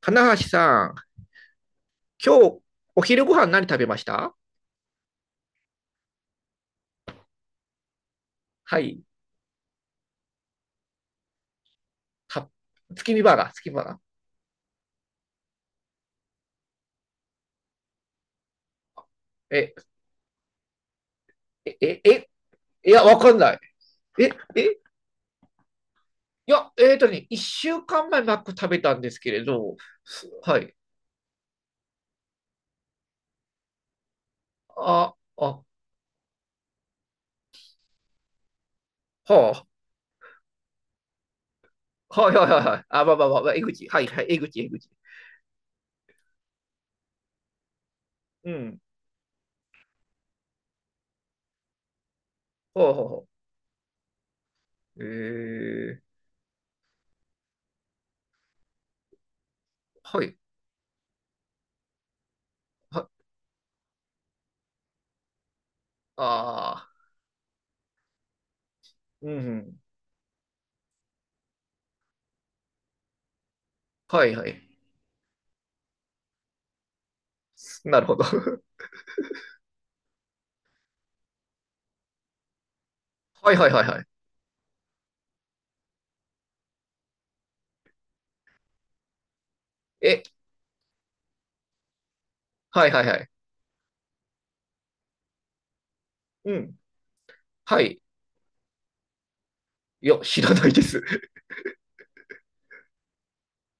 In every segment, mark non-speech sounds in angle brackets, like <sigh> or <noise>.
金橋さん、今日お昼ご飯何食べました？はい。は、月見バーガー、月見バーガー。え、え、え、え、いや、わかんない。え、え、いや、一週間前マック食べたんですけれど、はい。はあ、はいはいはいはい。あ、はいはい、江口、江口。うん、ほうほうほう。はい、は、あー、うんうん、はいはい。なるほど。<laughs> はいはいはいはい。え、はいはいはい。うん、はい。いや、知らないです。<laughs>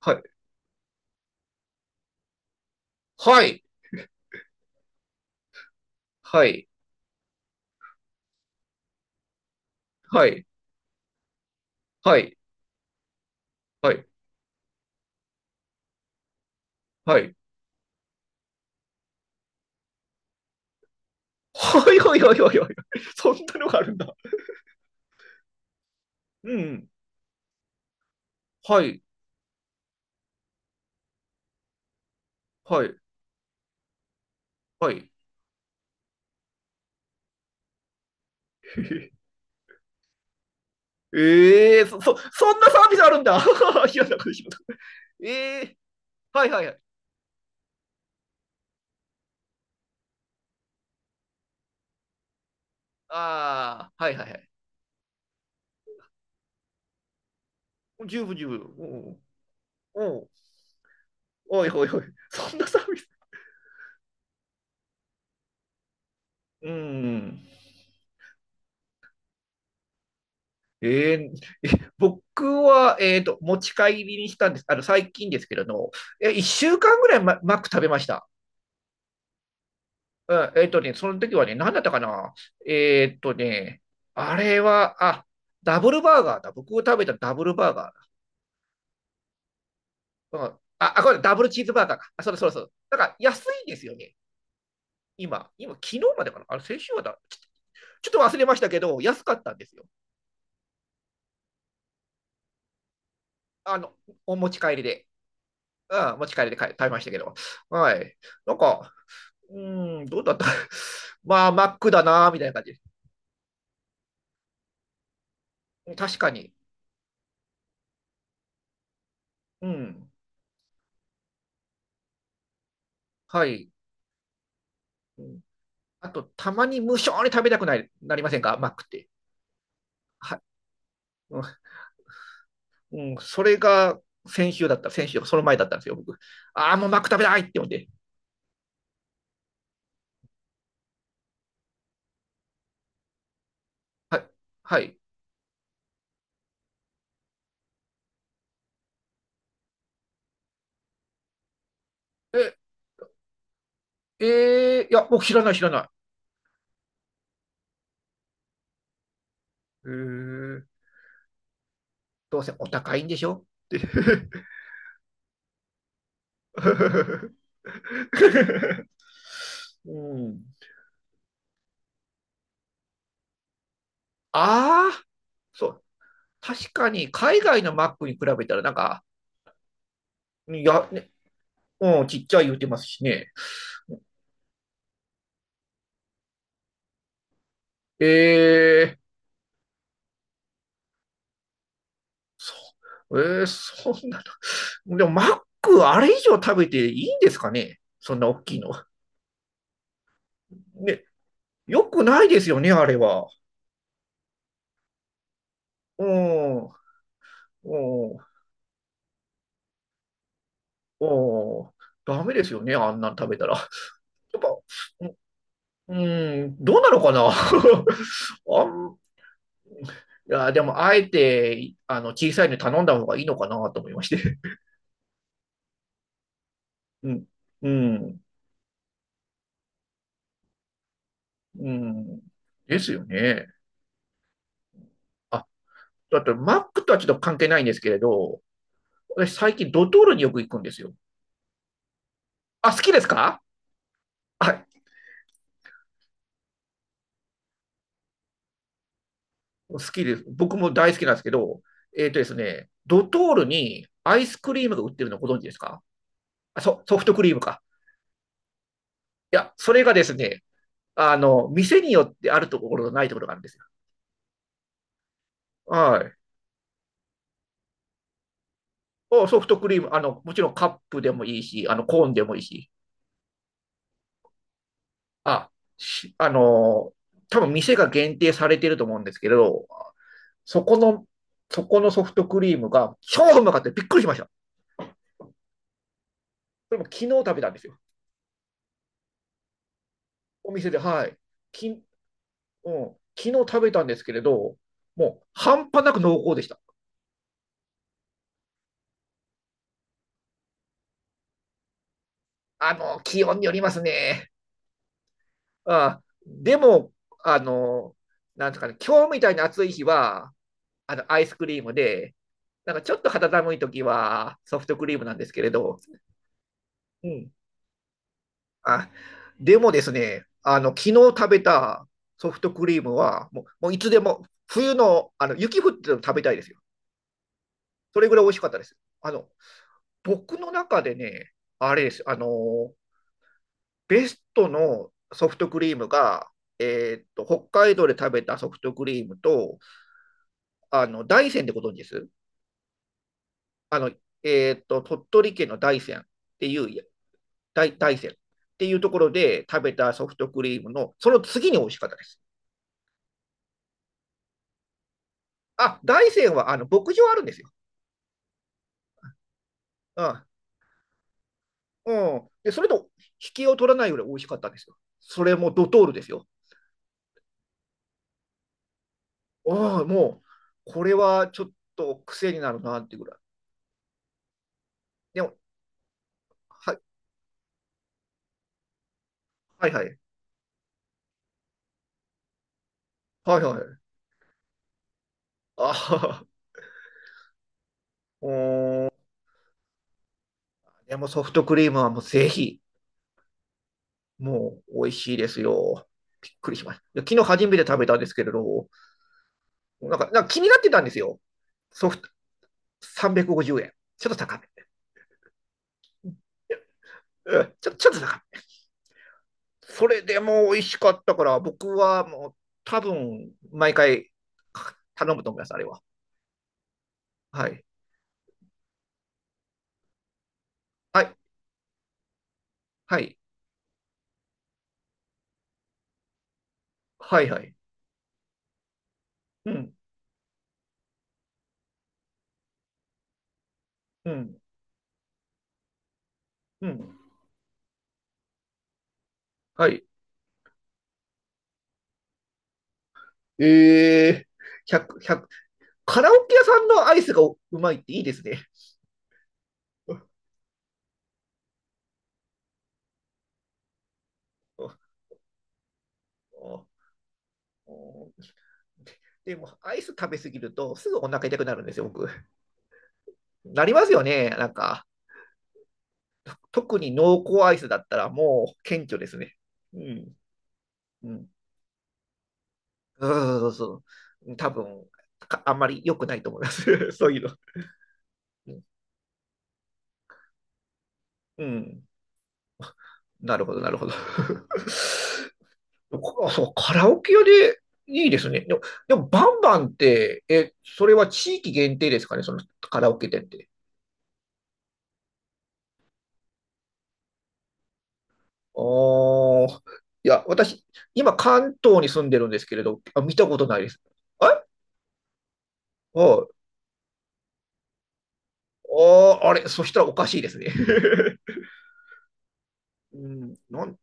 はい。はい。はい。はい。はい。はい。はい。はい。はい。はい。はい。はい。そんなのがあるんだ。うん。はい。はい。はい。<laughs> ええー、そんなサービスあるんだ。<laughs> 嫌なこかしまった。ええー、はいはいはい。ああ、はいはいはい。十分十分。おうおうん。おいおいおい。そんなサービス。うん。えーえ僕は、持ち帰りにしたんです。最近ですけれど、え、1週間ぐらいマック食べました。うん、その時はね、何だったかな。えっとね、あれは、あ、ダブルバーガーだ。僕が食べたダブルバーガー。うん、これダブルチーズバーガーか。あ、そうだそうだそうだ。なんか安いんですよね。今、昨日までかな。あれ、先週はだ。ちょっと忘れましたけど、安かったんですよ。あの、お持ち帰りで。うん、持ち帰りで買い食べましたけど。はい。なんか、うん、どうだった？ <laughs> まあ、マックだな、みたいな感じ。確かに。うん。はい。うん、あと、たまに無性に食べたくない、なりませんか？マックって。はい。うん、うん、それが先週だった。先週、その前だったんですよ、僕。ああ、もうマック食べたいって思って。はい。はい。え、いや、僕知らない、知らない。えー、どうせお高いんでしょって。<laughs> うん。ああ、そう。確かに海外のマックに比べたらなんか、いや、ね、うん、ちっちゃい言うてますしね。えー、そ、えー、そんなの。でもマックあれ以上食べていいんですかね、そんな大きいの。ね、よくないですよね、あれは。うん、うん、うん。ダメですよね、あんなん食べたら。やっぱ、ううん、どうなのかな。 <laughs> いや、でも、あえて、小さいの頼んだ方がいいのかなと思いまして。うん、うん、うん。ですよね。あ、だってマックとはちょっと関係ないんですけれど、私最近ドトールによく行くんですよ。あ、好きですか？はい、好きです。僕も大好きなんですけど、えっとですね、ドトールにアイスクリームが売ってるのご存知ですか？あ、ソフトクリームか。いや、それがですね、店によってあるところとないところがあるんですよ。はい。おソフトクリーム、もちろんカップでもいいし、コーンでもいいし。あ、しあの多分店が限定されてると思うんですけど、そこの、そこのソフトクリームが超うまかった。びっくりしました。それも昨日食べたんですよ。お店で、はい。うん、昨日食べたんですけれど、もう半端なく濃厚でした。気温によりますね。あ、でも、あの、なんですかね、今日みたいな暑い日は、アイスクリームで、なんかちょっと肌寒い時はソフトクリームなんですけれど、うん。あ、でもですね、昨日食べたソフトクリームは、もう、もういつでも、冬の、雪降ってるの食べたいですよ。それぐらい美味しかったです。僕の中でね、あれです。ベストのソフトクリームが、北海道で食べたソフトクリームと、大山でご存知ですあの、鳥取県の大山っていう、大山っていうところで食べたソフトクリームの、その次に美味しかったです。あ、大山はあの牧場あるんですよ。うん。うん。で、それと引きを取らないぐらい美味しかったんですよ。それもドトールですよ。ああ、もう、これはちょっと癖になるなっていうぐらい。でも、はい、はいはい。はいはい。ああ、うん。でもソフトクリームはもうぜひ、もう美味しいですよ。びっくりしました。いや昨日初めて食べたんですけれど、なんか、気になってたんですよ。ソフト350円。ちょっと高め。うん、ちょっと高め。それでも美味しかったから、僕はもう多分毎回頼むと思います、あれは。はい。はい。はい。はい。はい。うん。うん。うん。はい。ええー、100、100。カラオケ屋さんのアイスがうまいっていいですね。<laughs> でも、アイス食べ過ぎると、すぐお腹痛くなるんですよ、僕。なりますよね、なんか。特に濃厚アイスだったら、もう顕著ですね。うん。うん。そうそうそうそう。多分、あんまり良くないと思います。<laughs> そういうの。うん。なるほど、なるほど。<laughs> そう、カラオケ屋でいいですね。でも、バンバンって、え、それは地域限定ですかね、そのカラオケ店って。ああ、いや、私、今関東に住んでるんですけれど、あ、見たことないです。はい。あああれ、そしたらおかしいですね。<laughs> うん、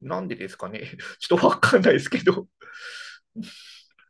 なんでですかね。<laughs> ちょっとわかんないですけど。<laughs>